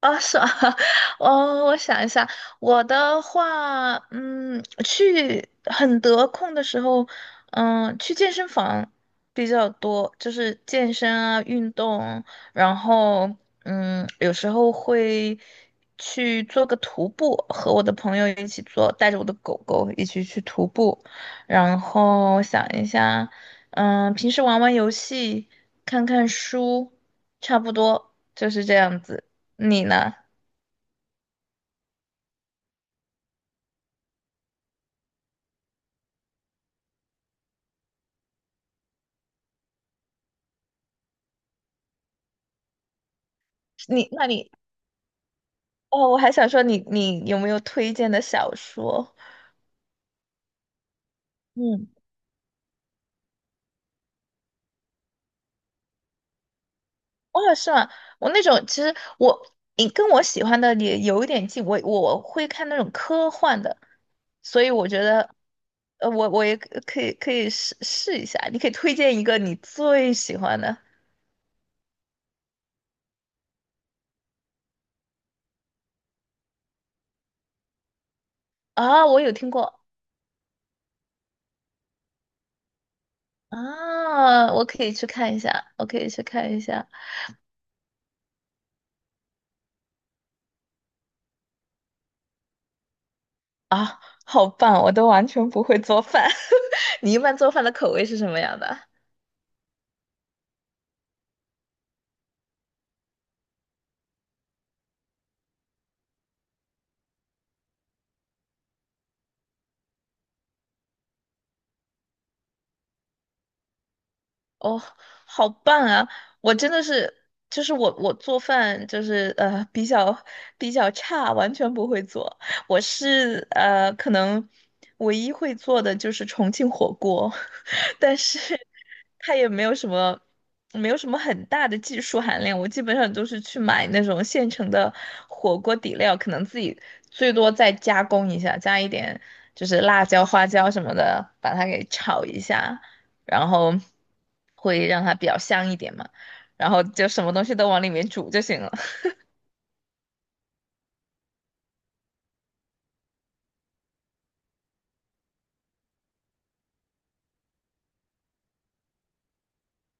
啊，是啊，我想一下。我的话，去很得空的时候，去健身房比较多，就是健身啊，运动。然后，有时候会去做个徒步，和我的朋友一起做，带着我的狗狗一起去徒步。然后想一下，平时玩玩游戏，看看书，差不多就是这样子。你呢？你那你哦，我还想说你有没有推荐的小说？嗯，哦，是吗？我那种，其实，你跟我喜欢的也有一点近，我会看那种科幻的。所以我觉得，我也可以试试一下。你可以推荐一个你最喜欢的。啊，我有听过。啊，我可以去看一下，我可以去看一下。啊，好棒，我都完全不会做饭。你一般做饭的口味是什么样的？哦，好棒啊！我真的是，就是我做饭就是比较差，完全不会做。我是可能唯一会做的就是重庆火锅。但是它也没有什么很大的技术含量。我基本上都是去买那种现成的火锅底料，可能自己最多再加工一下，加一点就是辣椒、花椒什么的，把它给炒一下。然后会让它比较香一点嘛，然后就什么东西都往里面煮就行了。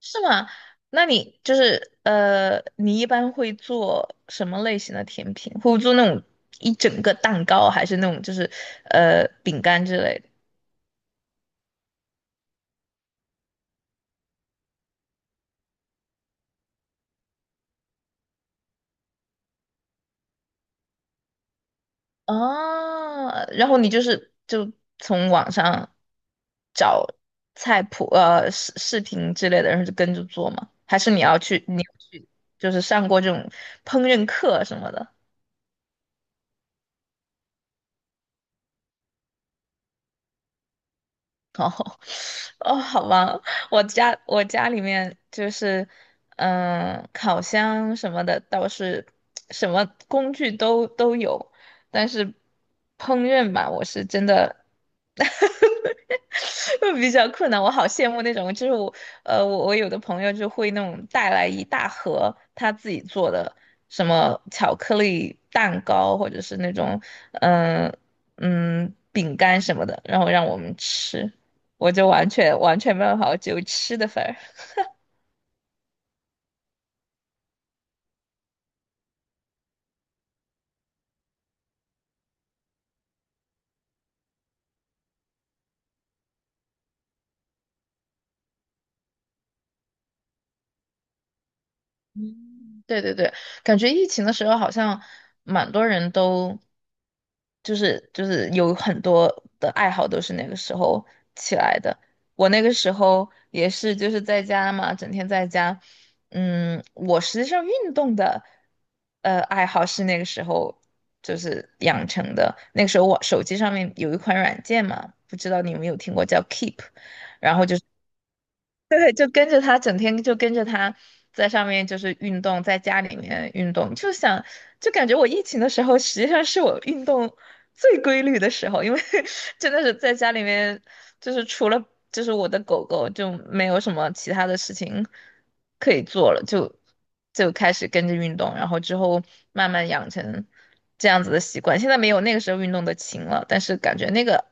是吗？那你就是，你一般会做什么类型的甜品？会做那种一整个蛋糕，还是那种就是饼干之类的？啊，然后你就是从网上找菜谱，视频之类的，然后就跟着做吗？还是你要去就是上过这种烹饪课什么的？哦。哦，好吧，我家里面就是，烤箱什么的倒是什么工具都有，但是烹饪吧，我是真的 比较困难。我好羡慕那种，就是我，我有的朋友就会那种带来一大盒他自己做的什么巧克力蛋糕，或者是那种，嗯、饼干什么的，然后让我们吃。我就完全完全没有好，法，我只有吃的份儿。嗯，对对对，感觉疫情的时候好像蛮多人都就是有很多的爱好都是那个时候起来的。我那个时候也是就是在家嘛，整天在家。我实际上运动的爱好是那个时候就是养成的。那个时候我手机上面有一款软件嘛，不知道你有没有听过叫 Keep。然后就对，就跟着他，整天就跟着他在上面就是运动，在家里面运动，就感觉我疫情的时候实际上是我运动最规律的时候。因为 真的是在家里面，就是除了就是我的狗狗，就没有什么其他的事情可以做了，就开始跟着运动。然后之后慢慢养成这样子的习惯。现在没有那个时候运动的勤了，但是感觉那个。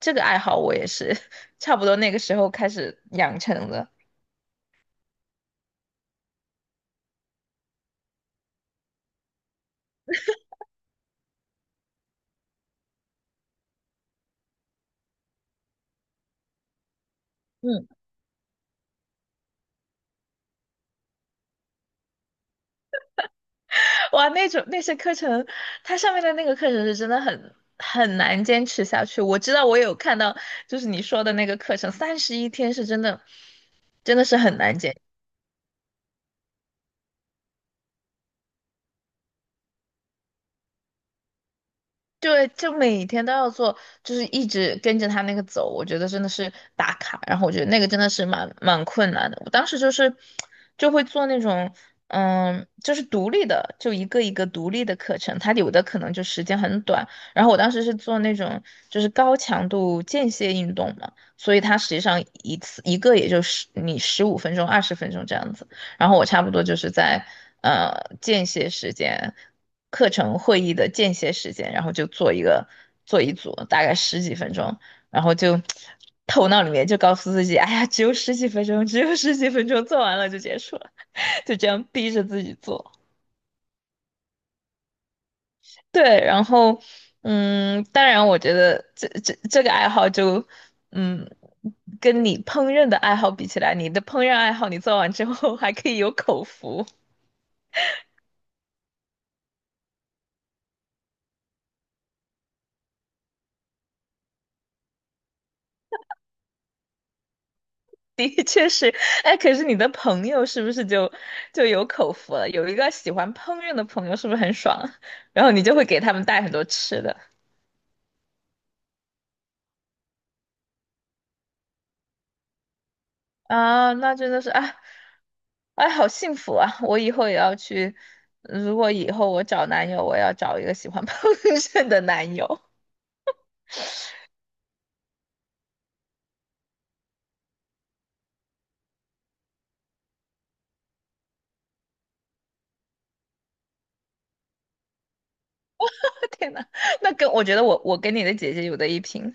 这个爱好我也是 差不多那个时候开始养成的。嗯。哇，那种那些课程，它上面的那个课程是真的很难坚持下去。我知道我有看到，就是你说的那个课程，31天是真的，真的是很难坚。对，就每天都要做，就是一直跟着他那个走，我觉得真的是打卡。然后我觉得那个真的是蛮困难的。我当时就是就会做那种，就是独立的，就一个一个独立的课程，它有的可能就时间很短。然后我当时是做那种就是高强度间歇运动嘛，所以它实际上一次一个也就是你15分钟、20分钟这样子。然后我差不多就是在呃间歇时间，课程会议的间歇时间，然后就做一组，大概十几分钟。然后就头脑里面就告诉自己，哎呀，只有十几分钟，只有十几分钟，做完了就结束了。就这样逼着自己做。对，然后当然我觉得这个爱好就嗯。跟你烹饪的爱好比起来，你的烹饪爱好你做完之后还可以有口福。的 确是。哎，可是你的朋友是不是就有口福了？有一个喜欢烹饪的朋友，是不是很爽啊？然后你就会给他们带很多吃的。啊，那真的是啊。哎，好幸福啊！我以后也要去，如果以后我找男友，我要找一个喜欢 烹饪的男友。天呐，那跟我觉得我跟你的姐姐有的一拼。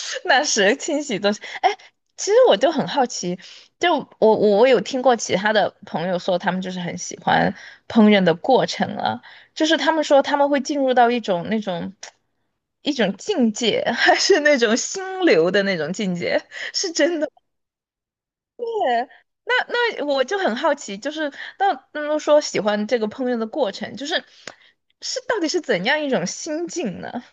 那是清洗东西。哎，其实我就很好奇，就我有听过其他的朋友说，他们就是很喜欢烹饪的过程啊，就是他们说他们会进入到一种境界。还是那种心流的那种境界，是真的吗？那我就很好奇，就是那么说喜欢这个烹饪的过程，到底是怎样一种心境呢？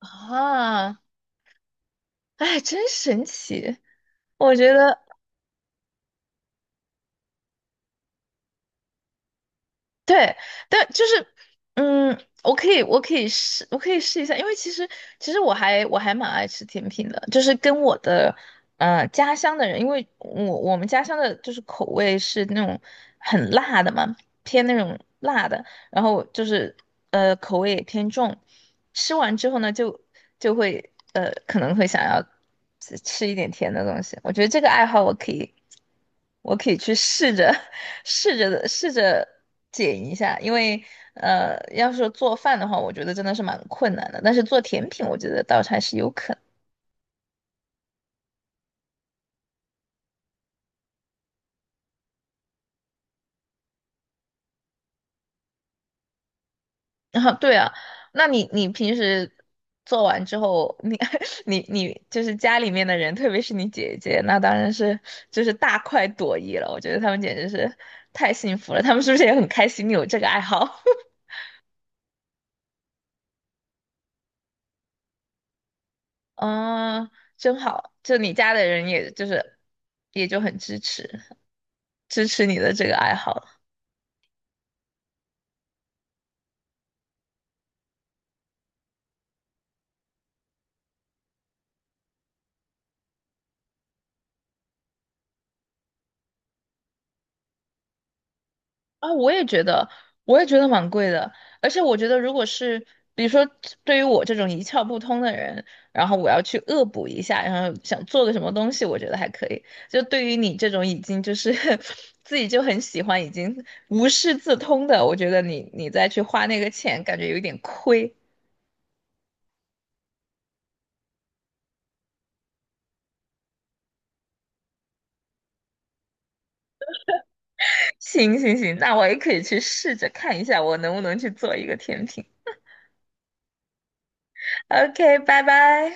啊。哎，真神奇。我觉得，对，但就是，我可以试一下，因为其实，我还蛮爱吃甜品的，就是跟我的家乡的人。因为我们家乡的就是口味是那种很辣的嘛，偏那种辣的，然后就是口味也偏重，吃完之后呢，就会可能会想要吃一点甜的东西。我觉得这个爱好我可以，去试着 试着的试着减一下，因为要是做饭的话，我觉得真的是蛮困难的。但是做甜品，我觉得倒是还是有可能。啊，对啊，那你平时做完之后，你 你就是家里面的人，特别是你姐姐，那当然是就是大快朵颐了。我觉得他们简直是太幸福了，他们是不是也很开心你有这个爱好？嗯，真好，就你家的人也就很支持你的这个爱好。啊，我也觉得，我也觉得蛮贵的。而且我觉得，如果是比如说，对于我这种一窍不通的人，然后我要去恶补一下，然后想做个什么东西，我觉得还可以。就对于你这种已经就是 自己就很喜欢，已经无师自通的，我觉得你再去花那个钱，感觉有点亏。行行行，那我也可以去试着看一下，我能不能去做一个甜品。OK，拜拜。